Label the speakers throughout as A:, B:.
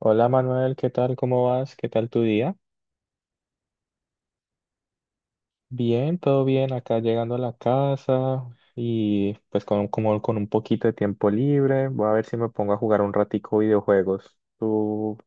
A: Hola Manuel, ¿qué tal? ¿Cómo vas? ¿Qué tal tu día? Bien, todo bien, acá llegando a la casa y pues con, como con un poquito de tiempo libre, voy a ver si me pongo a jugar un ratico videojuegos. Tú,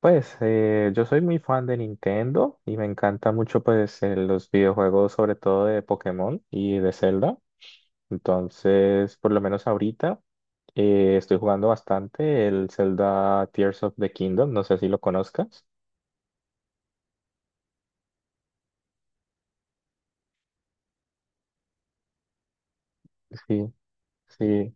A: pues yo soy muy fan de Nintendo y me encanta mucho pues los videojuegos sobre todo de Pokémon y de Zelda. Entonces, por lo menos ahorita estoy jugando bastante el Zelda Tears of the Kingdom, no sé si lo conozcas. Sí, sí.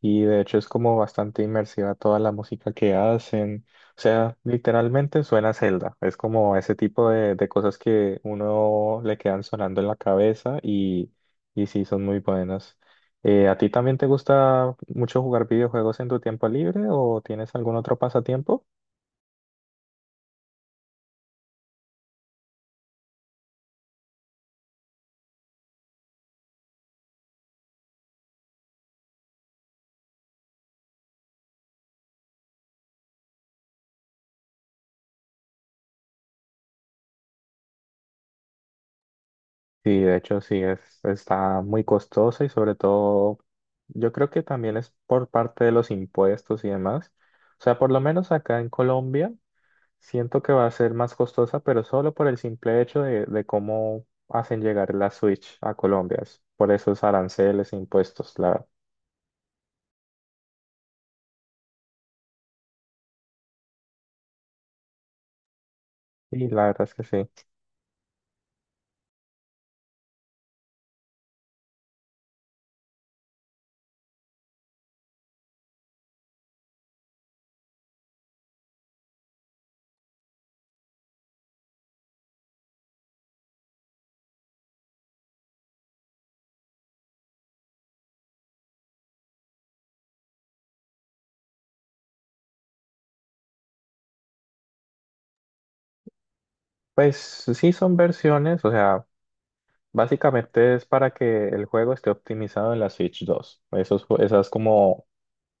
A: Sí, de hecho es como bastante inmersiva toda la música que hacen. O sea, literalmente suena a Zelda. Es como ese tipo de cosas que uno le quedan sonando en la cabeza y sí, son muy buenas. ¿A ti también te gusta mucho jugar videojuegos en tu tiempo libre o tienes algún otro pasatiempo? Sí, de hecho sí, es, está muy costosa y sobre todo yo creo que también es por parte de los impuestos y demás. O sea, por lo menos acá en Colombia. Siento que va a ser más costosa, pero solo por el simple hecho de cómo hacen llegar la Switch a Colombia, es por esos aranceles e impuestos. La, y la verdad es que sí. Pues sí son versiones, o sea, básicamente es para que el juego esté optimizado en la Switch dos. Esos, esas como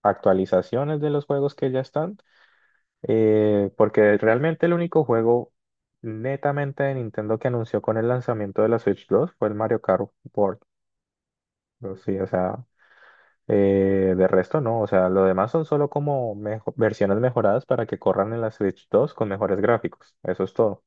A: actualizaciones de los juegos que ya están, porque realmente el único juego netamente de Nintendo que anunció con el lanzamiento de la Switch dos fue el Mario Kart World. Pero sí, o sea. De resto, no, o sea, lo demás son solo como versiones mejoradas para que corran en la Switch dos con mejores gráficos. Eso es todo.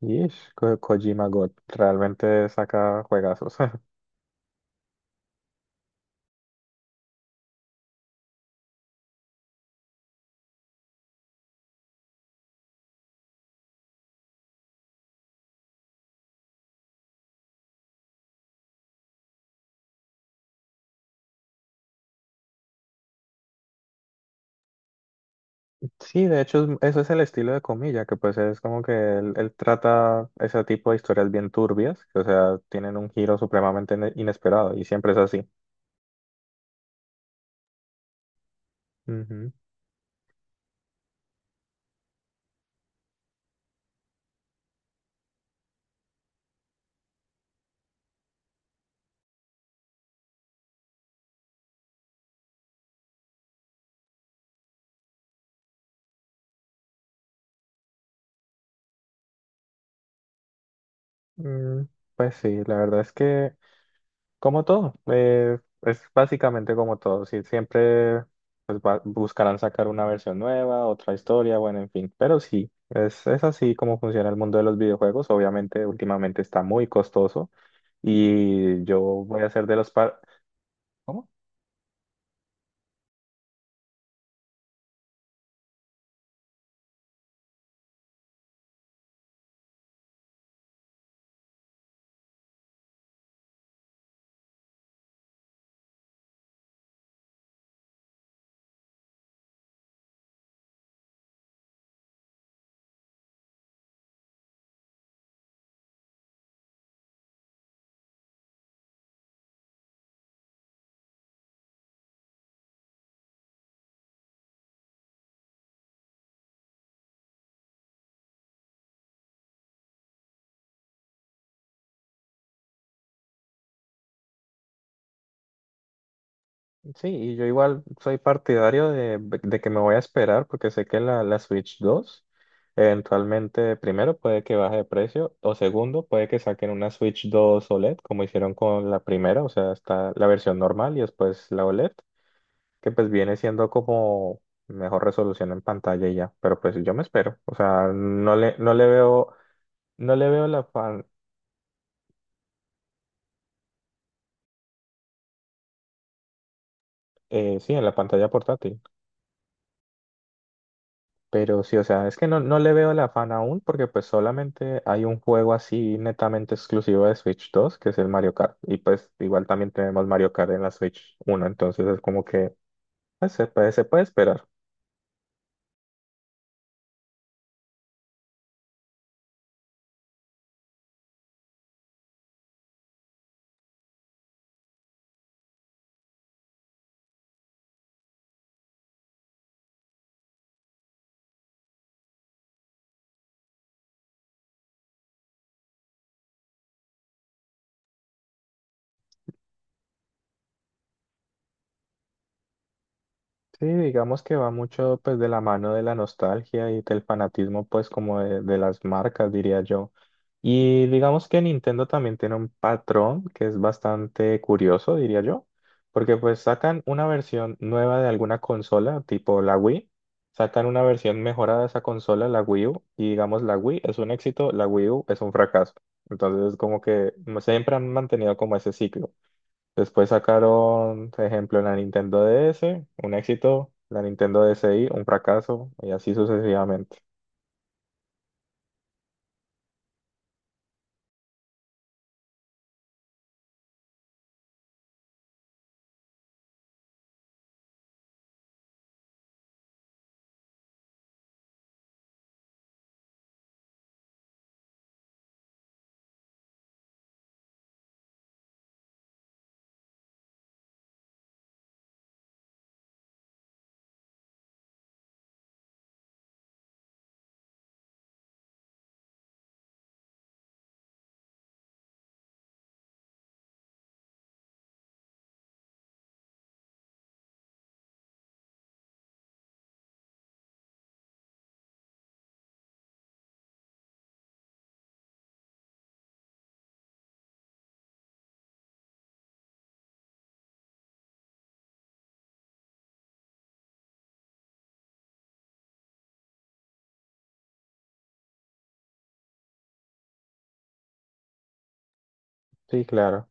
A: Y Kojima God realmente saca juegazos. Sí, de hecho, eso es el estilo de Comilla, que pues es como que él trata ese tipo de historias bien turbias, que, o sea, tienen un giro supremamente inesperado y siempre es así. Ujú. Mm, pues sí, la verdad es que como todo, es básicamente como todo. Sí, siempre pues, buscarán sacar una versión nueva, otra historia, bueno, en fin. Pero sí, es así como funciona el mundo de los videojuegos. Obviamente, últimamente está muy costoso y yo voy a ser de los par... ¿Cómo? Sí, y yo igual soy partidario de que me voy a esperar porque sé que la Switch 2 eventualmente, primero, puede que baje de precio o segundo, puede que saquen una Switch 2 OLED como hicieron con la primera, o sea, está la versión normal y después la OLED, que pues viene siendo como mejor resolución en pantalla y ya, pero pues yo me espero, o sea, no le veo, no le veo la pan, sí, en la pantalla portátil. Pero sí, o sea, es que no, no le veo el afán aún porque pues solamente hay un juego así netamente exclusivo de Switch dos que es el Mario Kart. Y pues igual también tenemos Mario Kart en la Switch uno, entonces es como que pues, se puede esperar. Sí, digamos que va mucho pues de la mano de la nostalgia y del fanatismo pues como de las marcas, diría yo. Y digamos que Nintendo también tiene un patrón que es bastante curioso, diría yo, porque pues sacan una versión nueva de alguna consola, tipo la Wii, sacan una versión mejorada de esa consola, la Wii U, y digamos la Wii es un éxito, la Wii U es un fracaso. Entonces como que siempre han mantenido como ese ciclo. Después sacaron, por ejemplo, la Nintendo DS, un éxito, la Nintendo DSi, un fracaso, y así sucesivamente. Sí, claro.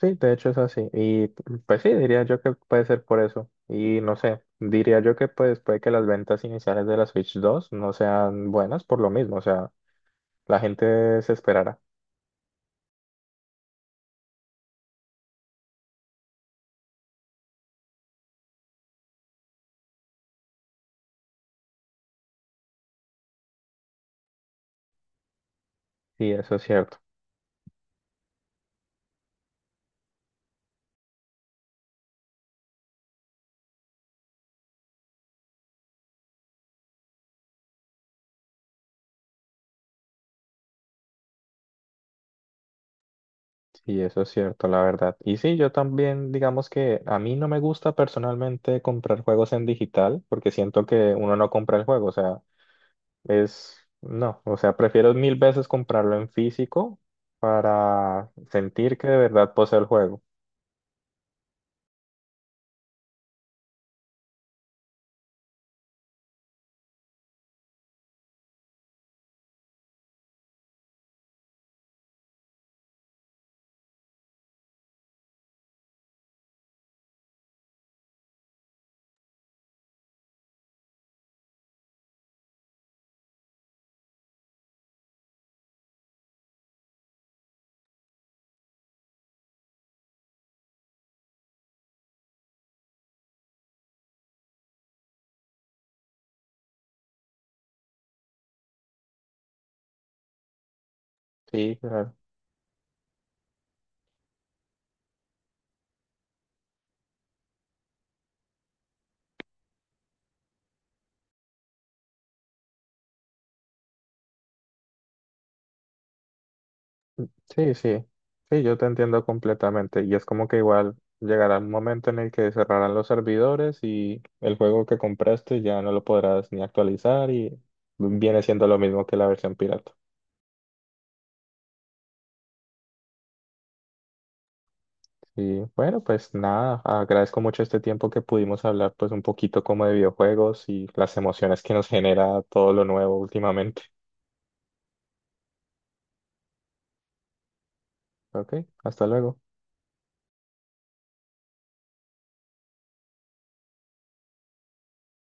A: Sí, de hecho es así. Y pues sí, diría yo que puede ser por eso. Y no sé, diría yo que pues puede que las ventas iniciales de la Switch dos no sean buenas por lo mismo. O sea, la gente se esperará. Sí, eso es cierto. Sí, eso es cierto, la verdad. Y sí, yo también, digamos que a mí no me gusta personalmente comprar juegos en digital porque siento que uno no compra el juego. O sea, es, no, o sea, prefiero mil veces comprarlo en físico para sentir que de verdad poseo el juego. Sí, claro. Sí, sí, yo te entiendo completamente. Y es como que igual llegará un momento en el que cerrarán los servidores y el juego que compraste ya no lo podrás ni actualizar y viene siendo lo mismo que la versión pirata. Y bueno, pues nada, agradezco mucho este tiempo que pudimos hablar pues un poquito como de videojuegos y las emociones que nos genera todo lo nuevo últimamente. Ok, hasta luego.